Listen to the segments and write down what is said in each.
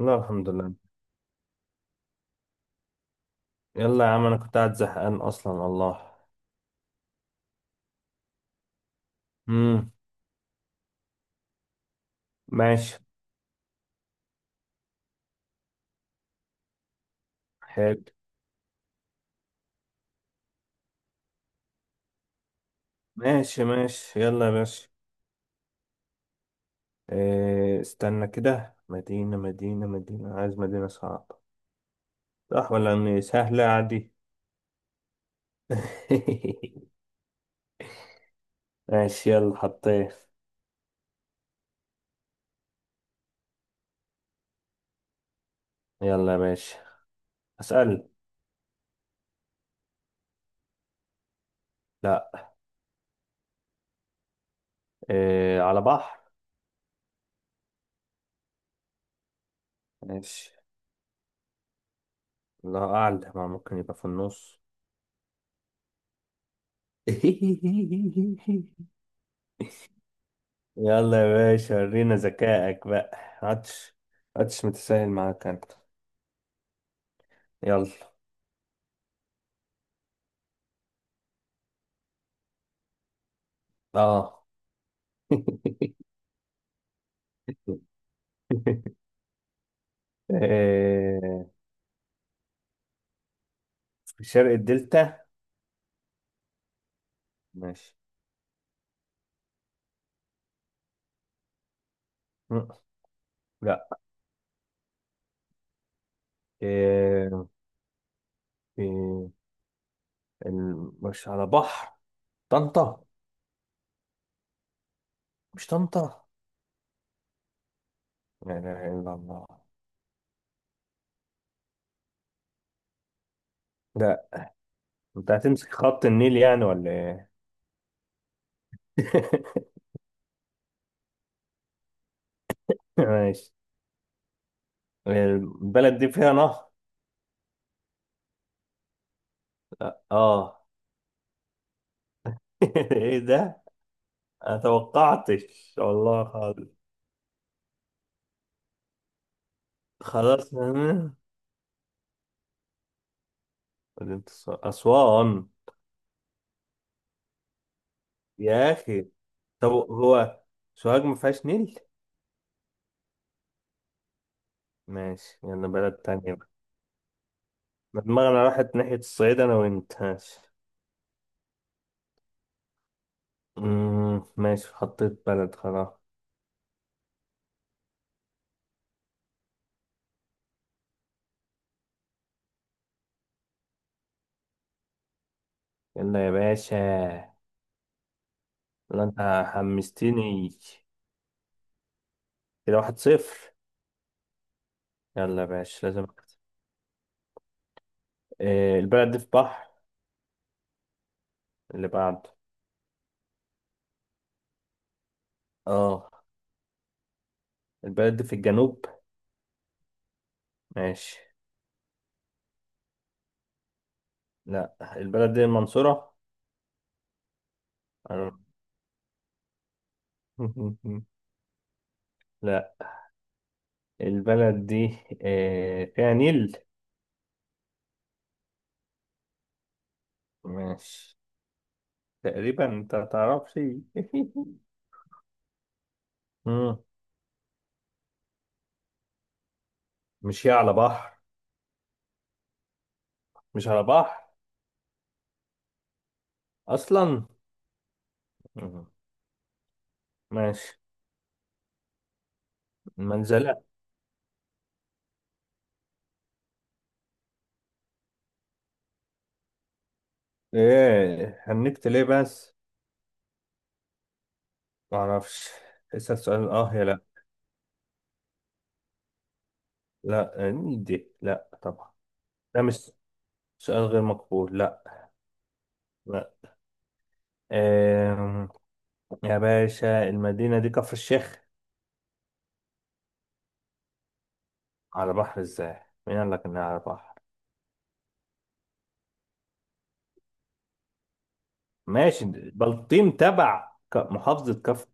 لا، الحمد لله. يلا يا عم، انا كنت قاعد زهقان اصلا الله. امم ماشي. حلو. ماشي، ماشي يلا يا باشا. إيه استنى كده، مدينة مدينة مدينة، عايز مدينة صعبة صح ولا اني سهلة عادي؟ ماشي يلا حطيت. يلا يا باشا اسأل. لا. إيه على بحر؟ ماشي. الله اعلم، ما ممكن يبقى في النص. يلا يا باشا ورينا ذكائك بقى عطش. عطش متساهل معاك انت. يلا، اه. إيه، في شرق الدلتا. ماشي. م- لا. إيه، في مش على بحر. طنطا. مش طنطا. لا اله الا الله. لا، انت هتمسك خط النيل يعني ولا ايه؟ ماشي. البلد دي فيها نهر. لا. اه. ايه ده؟ انا توقعتش والله خالص. خلاص فاهمة. مدينة أسوان. يا أخي، طب هو سوهاج ما فيهاش نيل؟ ماشي يلا بلد تانية بقى. ما دماغنا راحت ناحية الصعيد أنا وأنت. ماشي. ماشي حطيت بلد خلاص. يلا يا باشا. يلا أنت حمستني. كده 1-0. يلا يا باشا لازم أكسب. إيه البلد دي في بحر؟ اللي بعده. اه. البلد دي في الجنوب. ماشي. لا، البلد دي المنصورة. أنا- لا. البلد دي فيها نيل. ماشي. تقريبا؟ انت متعرفش؟ مم. مش هي على بحر؟ مش على بحر اصلا. مم. ماشي. المنزلة. ايه هنكت ليه بس؟ معرفش. اسأل سؤال اه يا لا. لا، مين دي؟ لا طبعا. ده مش سؤال غير مقبول. لا. لا. آم، يا باشا المدينة دي كفر الشيخ. على بحر؟ ازاي؟ مين قال لك انها على بحر؟ ماشي. بلطيم تبع محافظة كفر.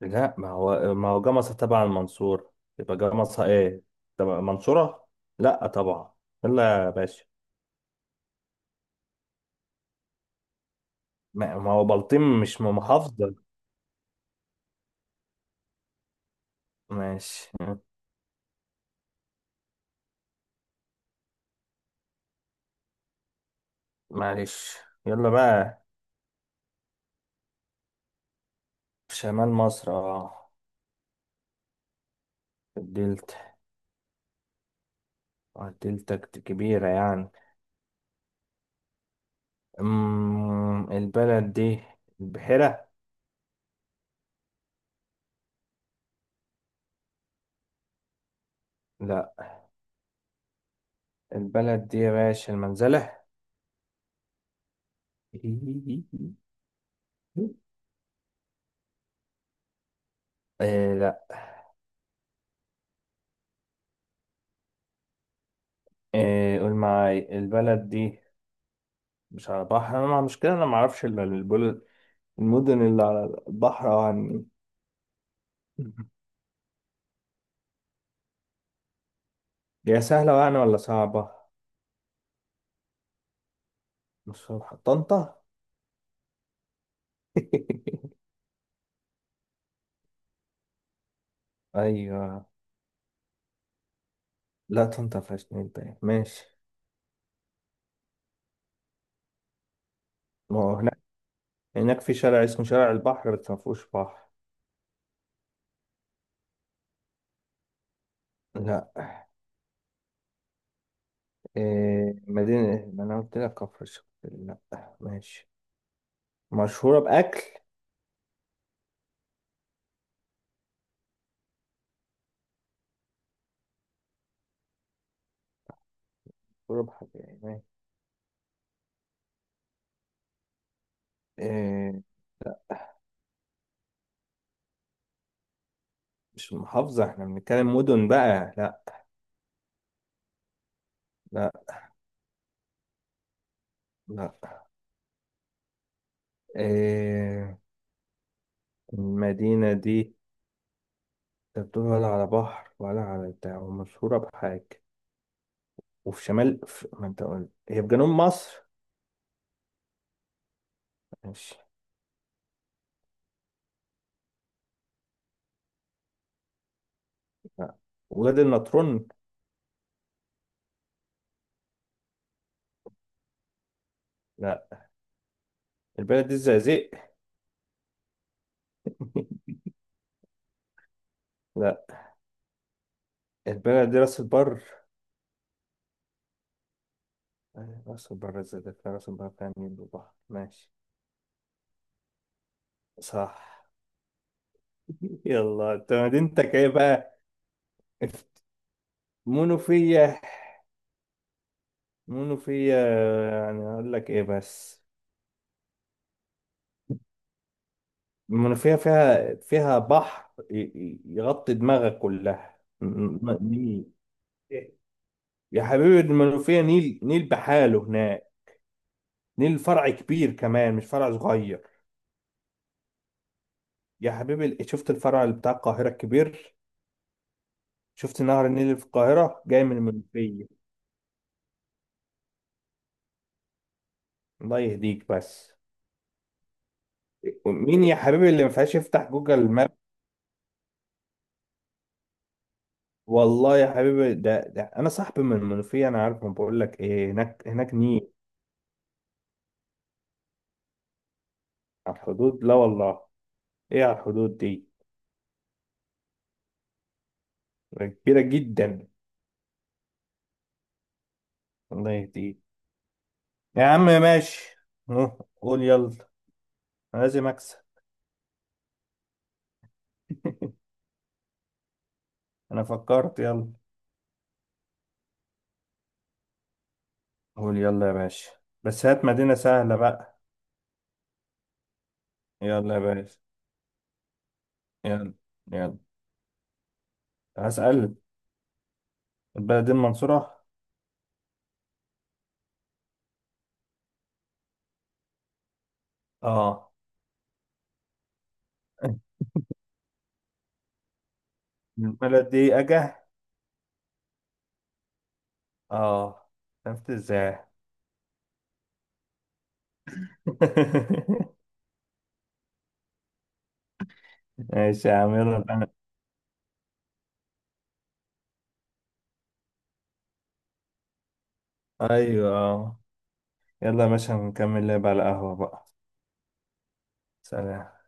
لا، ما هو جمصة تبع المنصورة يبقى جمصة. ايه تبع المنصورة؟ لا طبعا. لا يا باشا. ما هو بلطيم مش من محافظة. ماشي. معلش، يلا بقى. في شمال مصر، اه. في الدلتا. الدلتا كبيرة يعني. البلد دي البحيرة. لا. البلد دي يا باشا المنزلة. آه، لا. إيه قول معاي، البلد دي مش على بحر؟ انا مع مشكلة، انا ما اعرفش إلا البلد، المدن اللي على البحر، او عني. هي سهلة يعني ولا صعبة؟ مش فاهم. طنطا. ايوه. لا، طنطا فيهاش نيل باين. ماشي. ما هو هناك، هناك في شارع اسمه شارع البحر بس ما فيهوش بحر. لا. إيه مدينة؟ ما انا قلت لك كفر الشيخ لا. ماشي. مشهورة بأكل؟ مشهورة بحاجة يعني. إيه، مش محافظة، احنا بنتكلم مدن بقى. لا. لا. لا. إيه المدينة دي؟ انت بتقول ولا على بحر ولا على بتاع، ومشهورة بحاجة. وفي شمال في... ما انت قلت هي في جنوب مصر. ماشي. لا. وادي النطرون. لا. البلد دي الزقازيق. لا. البلد دي راس البر. أيوة، راس البر. الزقازيق فيها راس البر، فيها نيل وبحر. ماشي. صح. يلا، انت مدينتك ايه بقى؟ منوفية. منوفية. يعني اقول لك ايه بس؟ المنوفية فيها بحر يغطي دماغك كلها. نيل. يا حبيبي، المنوفية نيل، نيل بحاله هناك. نيل فرع كبير كمان، مش فرع صغير. يا حبيبي، شفت الفرع اللي بتاع القاهرة الكبير؟ شفت نهر النيل اللي في القاهرة جاي من المنوفية. الله يهديك بس. مين يا حبيبي اللي ما فيهاش؟ يفتح جوجل ماب. والله يا حبيبي ده انا صاحبي من المنوفية، انا عارف. ما بقول لك، ايه، هناك، هناك نيل. على الحدود، لا والله. ايه على الحدود دي؟ كبيرة جدا. الله يهديه. يا عم ماشي. نو. قول يلا. أنا لازم أكسب. أنا فكرت، يلا قول يلا يا باشا، بس هات مدينة سهلة بقى. يلا يا باشا. يلا. يلا. هسأل. البلد دي المنصورة؟ اه. البلد دي أجا. اه، عرفت ازاي؟ ماشي يا عم، يلا بقى. أيوه، آه. يلا يا باشا نكمل لعب على القهوة بقى. سلام.